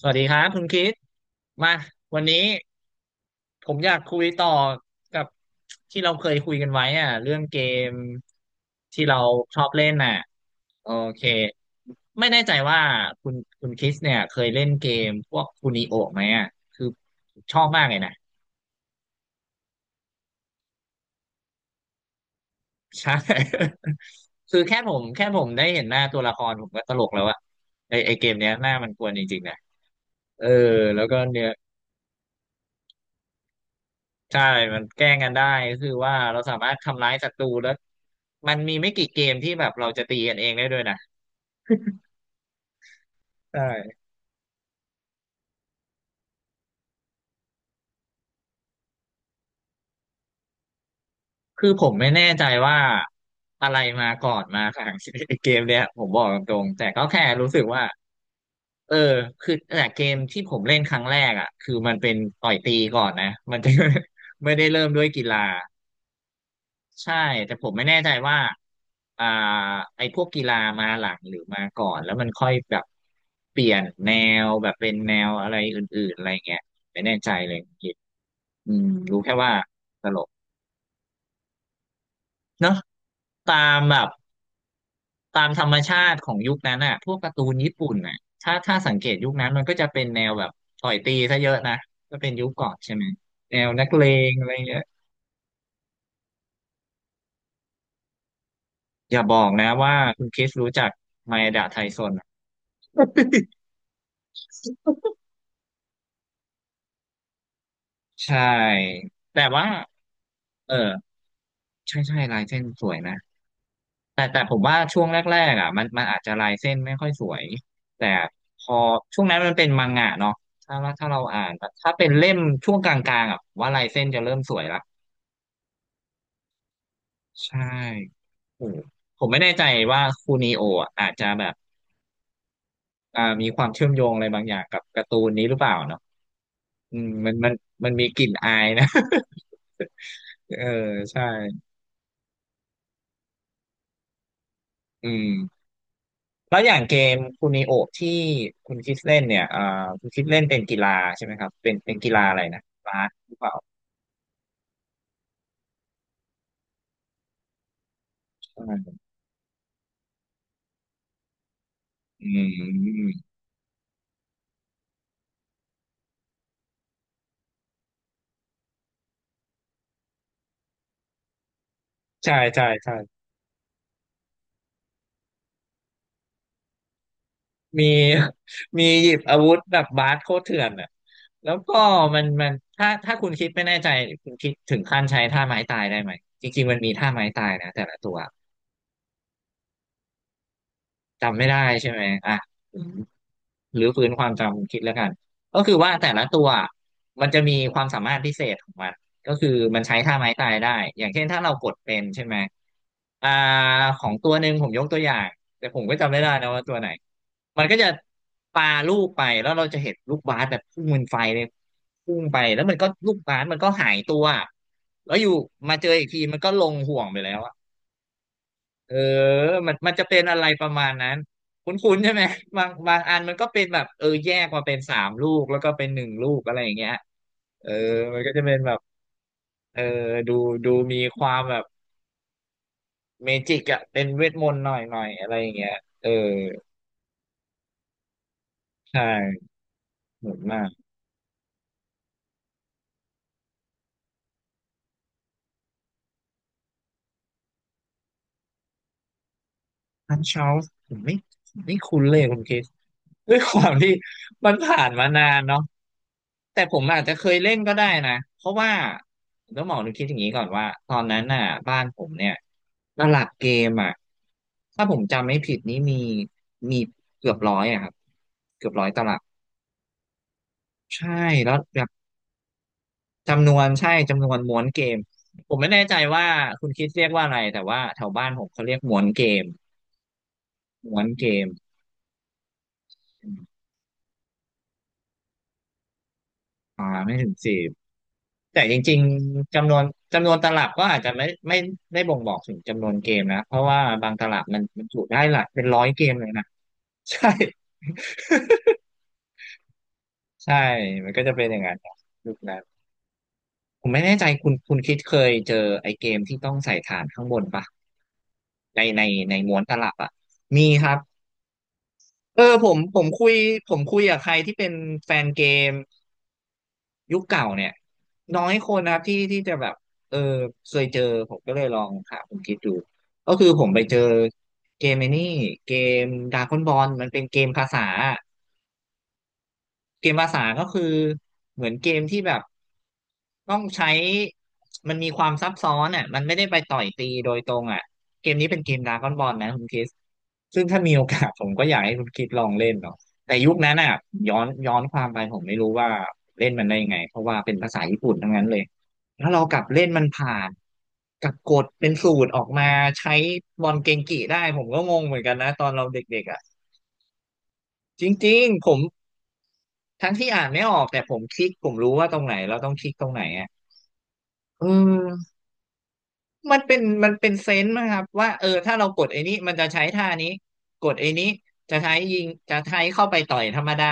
สวัสดีครับคุณคิดมาวันนี้ผมอยากคุยต่อกับที่เราเคยคุยกันไว้อ่ะเรื่องเกมที่เราชอบเล่นน่ะโอเคไม่แน่ใจว่าคุณคุณคิสเนี่ยเคยเล่นเกมพวกคูนิโอไหมอ่ะคือชอบมากเลยนะ ใช่ คือแค่ผมได้เห็นหน้าตัวละครผมก็ตลกแล้วอะไอเกมเนี้ยหน้ามันกวนจริงๆนะเออแล้วก็เนื้อ ใช่มันแกล้งกันได้ก็คือว่าเราสามารถทำร้ายศัตรูแล้วมันมีไม่กี่เกมที่แบบเราจะตีกันเองได้ด้วยนะใช่คือผมไม่แน่ใจว่าอะไรมาก่อนมาหลัง เกมเนี่ยผมบอกตรงๆแต่ก็แค่รู้สึกว่าเออคือแต่เกมที่ผมเล่นครั้งแรกอ่ะคือมันเป็นต่อยตีก่อนนะมันจะ ไม่ได้เริ่มด้วยกีฬา ใช่แต่ผมไม่แน่ใจว่าอ่าไอ้พวกกีฬามาหลังหรือมาก่อนแล้วมันค่อยแบบเปลี่ยนแนวแบบเป็นแนวอะไรอื่นๆอะไรเงี้ยไม่แน่ใจเลยคณกิดอืมรู้แค่ว่าตลกเนาะตามแบบตามธรรมชาติของยุคนั้นอะพวกการ์ตูนญี่ปุ่นอะถ้าสังเกตยุคนั้นมันก็จะเป็นแนวแบบต่อยตีซะเยอะนะก็เป็นยุคก่อนใช่ไหมแนวนักเลงอะไรเงี้ยอย่าบอกนะว่าคุณคริสรู้จักไมดะไทซอนอะ ใช่แต่ว่าเออใช่ใช่ลายเส้นสวยนะแต่ผมว่าช่วงแรกๆอ่ะมันอาจจะลายเส้นไม่ค่อยสวยแต่พอช่วงนั้นมันเป็นมังงะเนาะถ้าว่าถ้าเราอ่านแต่ถ้าเป็นเล่มช่วงกลางๆอ่ะผมว่าลายเส้นจะเริ่มสวยละใช่โอ้ผมไม่แน่ใจว่าคูนิโออะอาจจะแบบมีความเชื่อมโยงอะไรบางอย่างกับการ์ตูนนี้หรือเปล่าเนาะอืมมันมันมันมีกลิ่นอายนะ เออใช่อืม แล้วอย่างเกมคูนิโอที่คุณคิดเล่นเนี่ยเอ่อคุณคิดเล่นเป็นกีฬาใช่ไหมครับเป็นเป็นกีฬาอะไรนะบาสหรือเปล่าอืมอืมใช่ใช่ใช่มี มีหยิบอาวุธแบบบาสโคตรเถื่อนอ่ะแล้วก็มันถ้าคุณคิดไม่แน่ใจคุณคิดถึงขั้นใช้ท่าไม้ตายได้ไหมจริงๆมันมีท่าไม้ตายนะแต่ละตัวจำไม่ได้ใช่ไหมอ่ะ หรือฟื้นความจำคิดแล้วกันก็คือว่าแต่ละตัวมันจะมีความสามารถพิเศษของมันก็คือมันใช้ท่าไม้ตายได้อย่างเช่นถ้าเรากดเป็นใช่ไหมอ่าของตัวหนึ่งผมยกตัวอย่างแต่ผมก็จำไม่ได้นะว่าตัวไหนมันก็จะปาลูกไปแล้วเราจะเห็นลูกบาสแบบพุ่งเป็นไฟเลยพุ่งไปแล้วมันก็ลูกบาสมันก็หายตัวแล้วอยู่มาเจออีกทีมันก็ลงห่วงไปแล้ว เออมันจะเป็นอะไรประมาณนั้นคุ้นๆใช่ไหม บางอันมันก็เป็นแบบเออแยกมาเป็นสามลูกแล้วก็เป็นหนึ่งลูกอะไรอย่างเงี้ยเออมันก็จะเป็นแบบเออดูดูมีความแบบเมจิกอะเป็นเวทมนต์หน่อยหน่อยอะไรอย่างเงี้ยเออใช่เหมือนมากทันชาร์ลส์ผมไม่ไม่คุ้นเลยคุณคริส ด้วยความที่มันผ่านมานานเนาะแต่ผมอาจจะเคยเล่นก็ได้นะเพราะว่าต้องหมอกหนูคิดอย่างนี้ก่อนว่าตอนนั้นน่ะบ้านผมเนี่ยตลับเกมอ่ะถ้าผมจำไม่ผิดนี้มีเกือบร้อยอะครับเกือบร้อยตลับใช่แล้วแบบจำนวนใช่จำนวนม้วนเกมผมไม่แน่ใจว่าคุณคิดเรียกว่าอะไรแต่ว่าแถวบ้านผมเขาเรียกม้วนเกมม้วนเกมอ่าไม่ถึงสิ แต่จริงๆจำนวนตลับก็อาจจะไม่บ่งบอกถึงจำนวนเกมนะเพราะว่าบางตลับมันจุได้หลักเป็นร้อยเกมเลยนะ ใช่ใช่มันก็จะเป็นอย่างนั้นนะยุคนั้นผมไม่แน่ใจคุณคิดเคยเจอไอ้เกมที่ต้องใส่ฐานข้างบนปะในในม้วนตลับอ่ะมีครับเออผมคุยผมคุยกับใครที่เป็นแฟนเกม ยุคเก่าเนี่ยน้อยคนนะครับที่จะแบบเออเคยเจอผมก็เลยลองหาผมคิดดูก็คือผมไปเจอเกมไอ้นี่เกมดราก้อนบอลมันเป็นเกมภาษาเกมภาษาก็คือเหมือนเกมที่แบบ ต้องใช้มันมีความซับซ้อนอ่ะมันไม่ได้ไปต่อยตีโดยตรงอ่ะเกมนี้เป็นเกมดราก้อนบอลนะคุณคริสซึ่งถ้ามีโอกาสผมก็อยากให้คุณคริสลองเล่นเนาะแต่ยุคนั้นอ่ะย้อนความไปผมไม่รู้ว่าเล่นมันได้ยังไงเพราะว่าเป็นภาษาญี่ปุ่นทั้งนั้นเลยแล้วเรากลับเล่นมันผ่านกลับกดเป็นสูตรออกมาใช้บอลเกงกิได้ผมก็งงเหมือนกันนะตอนเราเด็กๆอ่ะจริงๆผมทั้งที่อ่านไม่ออกแต่ผมคลิกผมรู้ว่าตรงไหนเราต้องคลิกตรงไหนอ่ะเออ มันเป็นเซนส์นะครับว่าเออถ้าเรากดไอ้นี้มันจะใช้ท่านี้กดไอ้นี้จะใช้ยิงจะใช้เข้าไปต่อยธรรมดา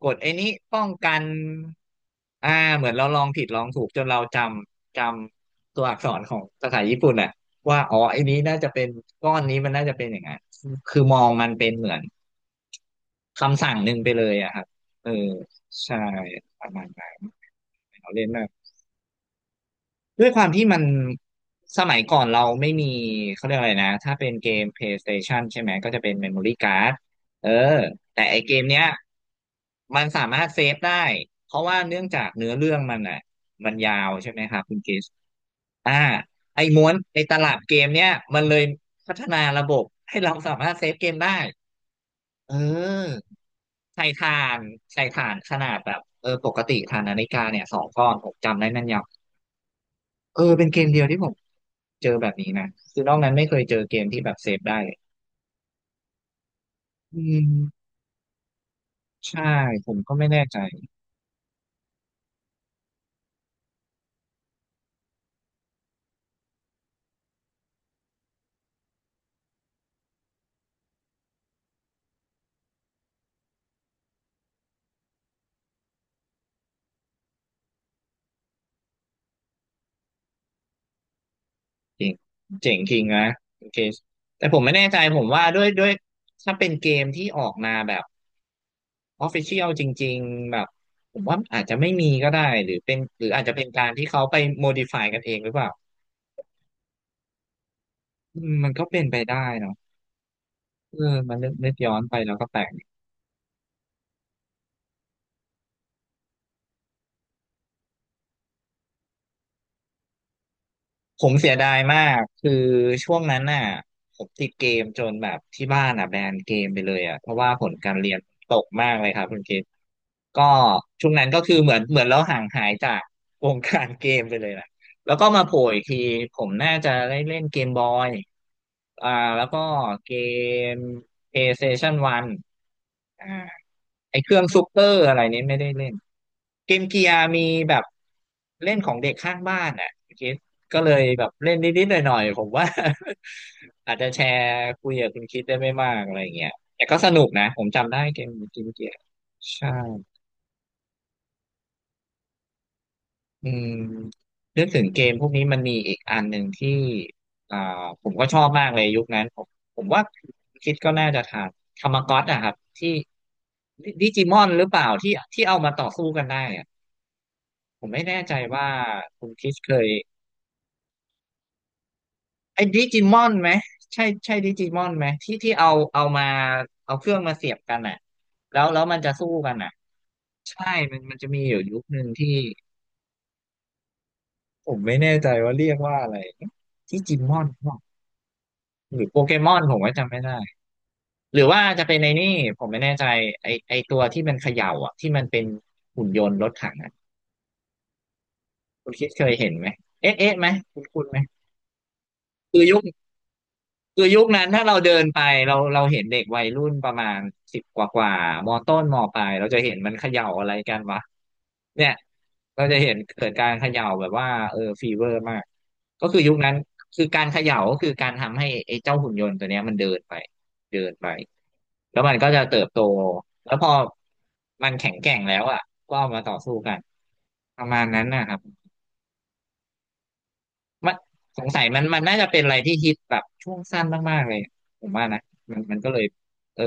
กดไอ้นี้ป้องกันอ่าเหมือนเราลองผิดลองถูกจนเราจำตัวอักษรของภาษาญี่ปุ่นอ่ะว่าอ๋อไอ้นี้น่าจะเป็นก้อนนี้มันน่าจะเป็นอย่างนั้นคือมองมันเป็นเหมือนคำสั่งหนึ่งไปเลยอะครับเออใช่ประมาณนั้นเราเล่นมาก ด้วยความที่มันสมัยก่อนเราไม่มีเขาเรียกอะไรนะถ้าเป็นเกม PlayStation ใช่ไหมก็จะเป็น Memory Card เออแต่ไอเกมเนี้ยมันสามารถเซฟได้เพราะว่าเนื่องจากเนื้อเรื่องมันอ่ะมันยาวใช่ไหมครับคุณเกสอ่าไอม้วนไอตลับเกมเนี้ยมันเลยพัฒนาระบบให้เราสามารถเซฟเกมได้เออใส่ถ่านใส่ถ่านขนาดแบบเออปกติถ่านนาฬิกาเนี่ยสองก้อนผมจำได้แม่นย เออเป็นเกมเดียวที่ผมเจอแบบนี้นะคือนอกนั้นไม่เคยเจอเกมที่แบบเซฟได้เลยอืมใช่ผมก็ไม่แน่ใจจริงเจ๋งจริงนะโอเคแต่ผมไม่แน่ใจผมว่าด้วยถ้าเป็นเกมที่ออกมาแบบออฟฟิเชียลจริงๆแบบผมว่าอาจจะไม่มีก็ได้หรือเป็นหรืออาจจะเป็นการที่เขาไปโมดิฟายกันเองหรือเปล่าอืมมันก็เป็นไปได้เนาะเออมันนึกย้อนไปแล้วก็แปลก ผมเสียดายมากคือช่วงนั้นน่ะผมติดเกมจนแบบที่บ้านอ่ะแบนเกมไปเลยอ่ะเพราะว่าผลการเรียนตกมากเลยครับคุณเกศก็ช่วงนั้นก็คือเหมือนเราห่างหายจากวงการเกมไปเลยนะแล้วก็มาโผล่อีกทีผมน่าจะได้เล่นเกมบอยอ่าแล้วก็เกม PlayStation 1 ไอ้เครื่องซูเปอร์อะไรนี้ไม่ได้เล่นเกมเกียร์มีแบบเล่นของเด็กข้างบ้านอ่ะคิดก็เลยแบบเล่นนิดๆหน่อยๆผมว่า อาจจะแชร์คุยกับคุณคิดได้ไม่มากอะไรเงี้ยแต่ก็สนุกนะผมจำได้เกมเกมเกียร์ใช่อืมนึกถึงเกมพวกนี้มันมีอีกอันหนึ่งที่อ่าผมก็ชอบมากเลยยุคนั้นผมผมว่าคิดก็น่าจะทันรามากอตอะครับที่ดิจิมอนหรือเปล่าที่ที่เอามาต่อสู้กันได้ ผมไม่แน่ใจว่าคุณคริสเคยไอ้ดิจิมอนไหมใช่ใช่ดิจิมอนไหมที่ที่เอามาเอาเครื่องมาเสียบกันอ่ะแล้วมันจะสู้กันอ่ะใช่มันมันจะมีอยู่ยุคหนึ่งที่ผมไม่แน่ใจว่าเรียกว่าอะไรดิจิมอนเปล่หรือโปเกมอนผมก็จำไม่ได้หรือว่าจะเป็นในนี่ผมไม่แน่ใจไอตัวที่มันเขย่าอ่ะที่มันเป็นหุ่นยนต์รถถังอ่ะคุณคิดเคยเห็นไหมเอ๊ะไหมคุณไหมคือยุค คือยุคนั้นถ้าเราเดินไปเราเห็นเด็กวัยรุ่นประมาณสิบกว่ากว่ามอต้นมอปลายเราจะเห็นมันเขย่าอะไรกันวะเนี่ยเราจะเห็นเกิดการเขย่าแบบว่าเออฟีเวอร์มากก็คือยุคนั้นคือการเขย่าก็คือการทำให้ไอ้เจ้าหุ่นยนต์ตัวเนี้ยมันเดินไปเดินไปแล้วมันก็จะเติบโตแล้วพอมันแข็งแกร่งแล้วอ่ะก็เอามาต่อสู้กันประมาณนั้นนะครับ มันสงสัยมันน่าจะเป็นอะไรที่ฮิตแบบช่วงสั้นมากๆเลยผมว่านะมันก็เลยเออ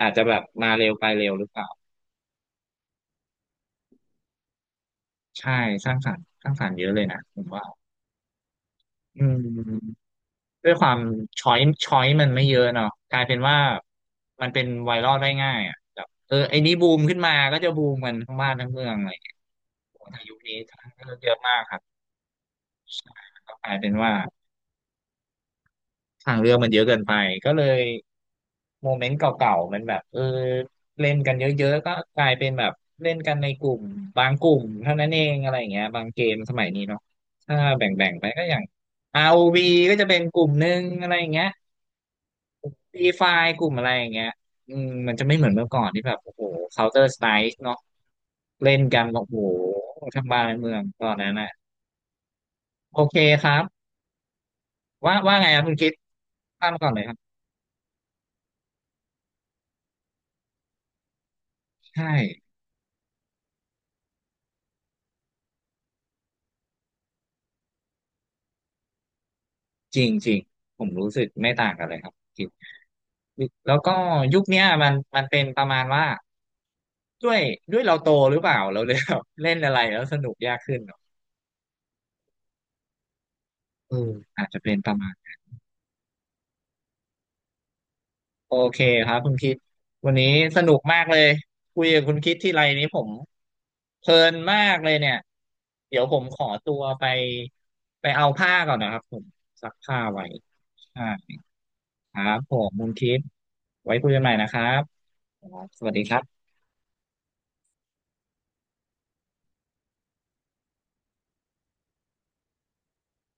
อาจจะแบบมาเร็วไปเร็วหรือเปล่าใช่สร้างสรรค์สร้างสรรค์เยอะเลยนะผมว่าอืมด้วยความช้อยช้อยมันไม่เยอะเนาะกลายเป็นว่ามันเป็นไวรัลได้ง่ายอ่ะแบบเออไอ้นี้บูมขึ้นมาก็จะบูมกันทั้งบ้านทั้งเมืองอะไรอย่างเงี้ยในยุคนี้ทางเลือกเยอะมากครับใช่ก็กลายเป็นว่า ทางเลือกมันเยอะเกินไปก็เลยโมเมนต์เก่าๆมันแบบเออเล่นกันเยอะๆก็กลายเป็นแบบเล่นกันในกลุ่มบางกลุ่มเท่านั้นเองอะไรอย่างเงี้ยบางเกมสมัยนี้เนาะถ้าแบ่งๆไปก็อย่าง ROV ก็จะเป็นกลุ่มหนึ่งอะไรอย่างเงี้ย Free Fire กลุ่มอะไรอย่างเงี้ยอืมมันจะไม่เหมือนเมื่อก่อนที่แบบโอ้โห Counter Strike เนาะเล่นกันโอ้โหทั้งบ้านทั้งเมืองตอนนั้นอ่ะโอเคครับว่าว่าไงครับคุณคิดตั้งก่อนเลยครับใช่ จริงจริงผมรู้สึกไม่ต่างกันเลยครับจริงแล้วก็ยุคเนี้ยมันเป็นประมาณว่าด้วยด้วยเราโตหรือเปล่าเราเลยแบบเล่นอะไรแล้วสนุกยากขึ้นเนอะเอออาจจะเป็นประมาณโอเคครับคุณคิดวันนี้สนุกมากเลยคุยกับคุณคิดที่ไรนี้ผมเพลินมากเลยเนี่ยเดี๋ยวผมขอตัวไปไปเอาผ้าก่อนนะครับผมซักผ้าไว้ใช่ครับผมคุณคิดไว้คุยกันใหม่นะครับสวัสดีครับ